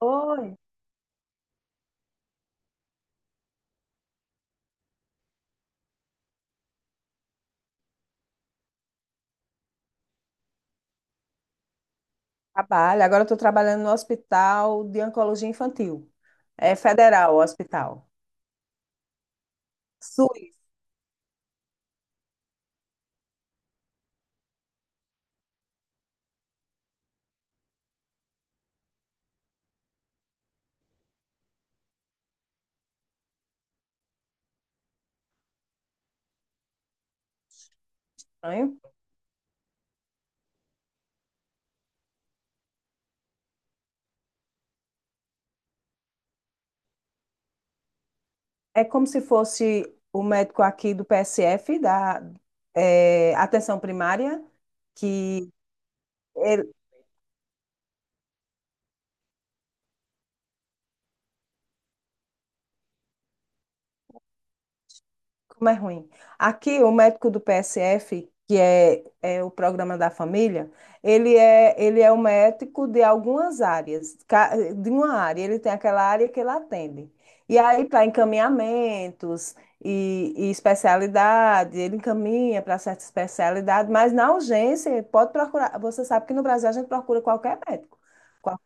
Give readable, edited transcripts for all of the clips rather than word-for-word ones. Oi. Trabalho. Agora eu estou trabalhando no Hospital de Oncologia Infantil. É federal o hospital. SUS, né? É como se fosse o médico aqui do PSF, Atenção Primária, que ele, Como é ruim. Aqui, o médico do PSF, que é o programa da família, ele é o médico de algumas áreas, de uma área. Ele tem aquela área que ele atende. E aí, para encaminhamentos e especialidade, ele encaminha para certa especialidade, mas na urgência, pode procurar. Você sabe que no Brasil a gente procura qualquer médico. Qual-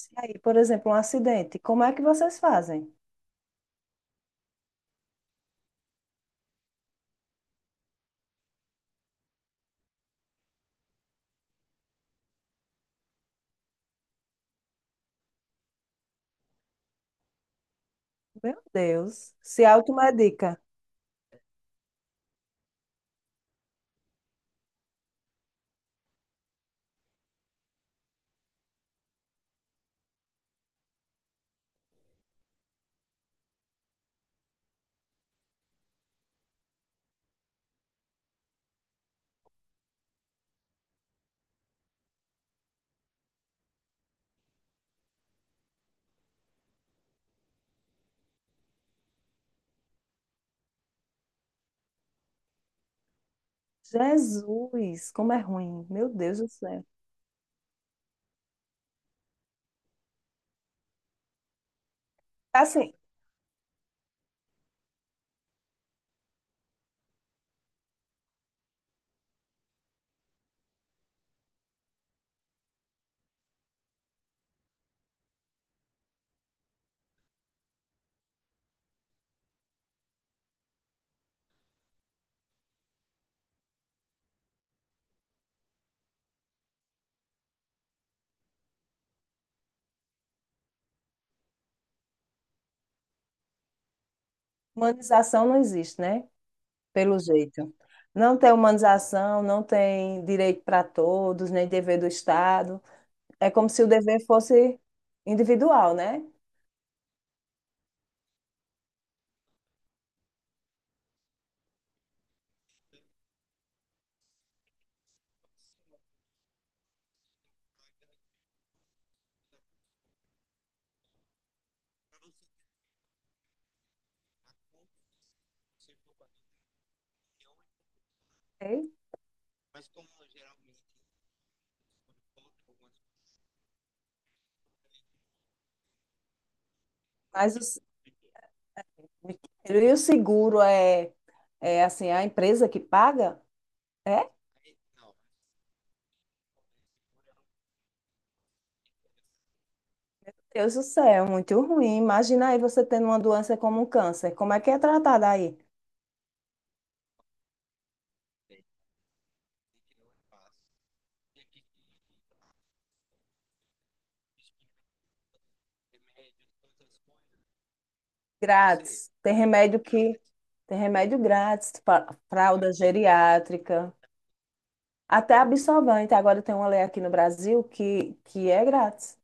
Se aí, por exemplo, um acidente, como é que vocês fazem? Meu Deus, se automedica. Jesus, como é ruim. Meu Deus do céu. Assim, humanização não existe, né? Pelo jeito. Não tem humanização, não tem direito para todos, nem dever do Estado. É como se o dever fosse individual, né? Ok? Mas o, se- E o seguro é assim, a empresa que paga? É, Deus do céu, é muito ruim. Imagina aí você tendo uma doença como um câncer. Como é que é tratada aí? Grátis. Tem remédio que. Tem remédio grátis, fralda geriátrica, até absorvente. Agora tem uma lei aqui no Brasil que é grátis,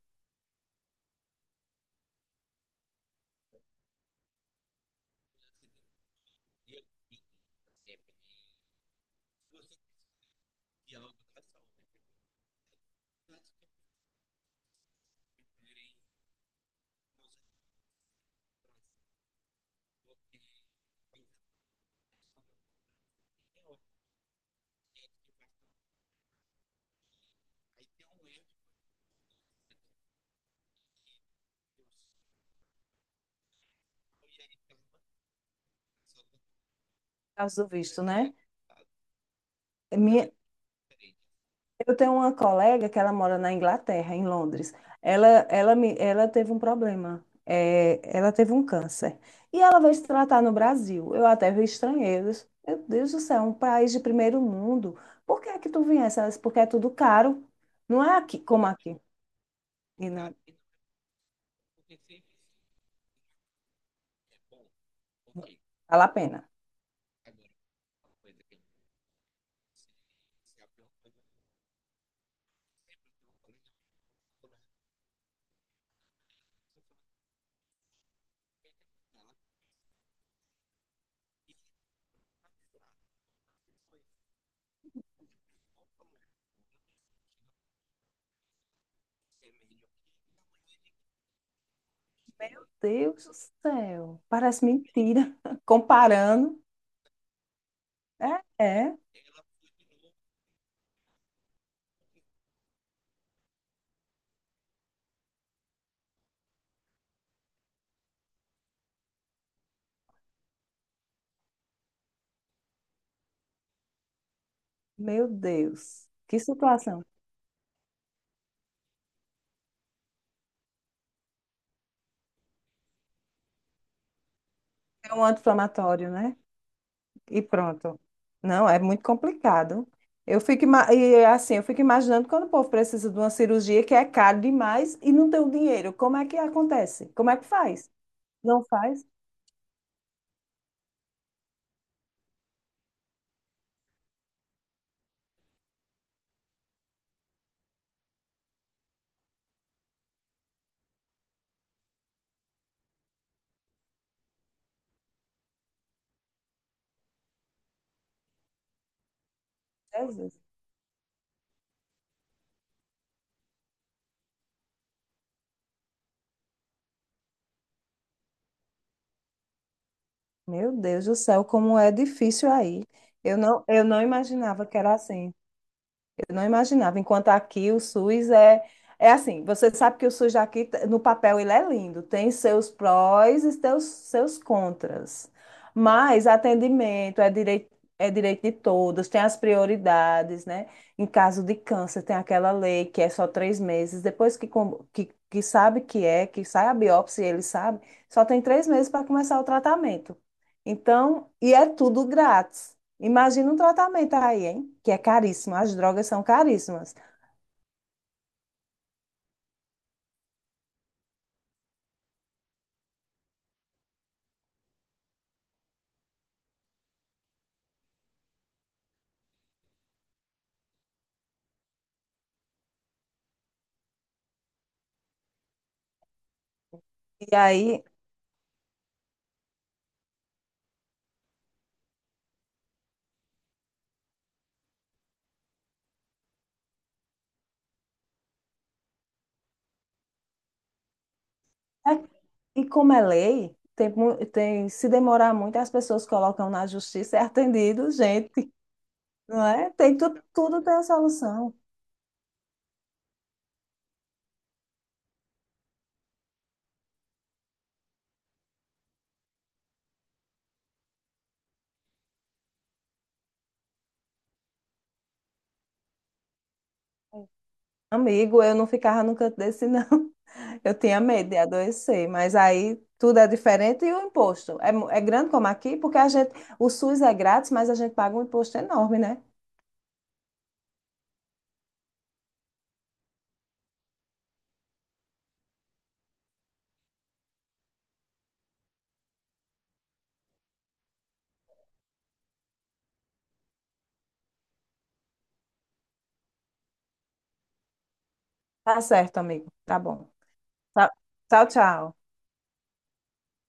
por causa do visto, né? Minha- eu tenho uma colega que ela mora na Inglaterra, em Londres. Ela teve um problema. É, ela teve um câncer. E ela veio se tratar no Brasil. Eu até vi estrangeiros. Meu Deus do céu, um país de primeiro mundo. Por que é que tu viesse? Ela disse, porque é tudo caro. Não é aqui como aqui. E na- Vale a pena. Deus do céu, parece mentira. Comparando, é, é, meu Deus, que situação. É um anti-inflamatório, né? E pronto. Não, é muito complicado. E é assim, eu fico imaginando quando o povo precisa de uma cirurgia que é caro demais e não tem o dinheiro. Como é que acontece? Como é que faz? Não faz? Jesus. Meu Deus do céu, como é difícil aí. Eu não imaginava que era assim. Eu não imaginava. Enquanto aqui o SUS é assim, você sabe que o SUS aqui, no papel, ele é lindo, tem seus prós e seus contras. Mas atendimento é direito de todos, tem as prioridades, né? Em caso de câncer, tem aquela lei que é só 3 meses. Depois que sabe que é, que sai a biópsia, e ele sabe, só tem 3 meses para começar o tratamento. Então, e é tudo grátis. Imagina um tratamento aí, hein? Que é caríssimo, as drogas são caríssimas. E aí, é- e como é lei, se demorar muito, as pessoas colocam na justiça, é atendido, gente, não é? Tem tudo, tudo tem a solução. Amigo, eu não ficava no canto desse, não. Eu tinha medo de adoecer, mas aí tudo é diferente e o imposto é grande como aqui, porque a gente, o SUS é grátis, mas a gente paga um imposto enorme, né? Tá certo, amigo. Tá bom. Tchau, tchau. Tchau.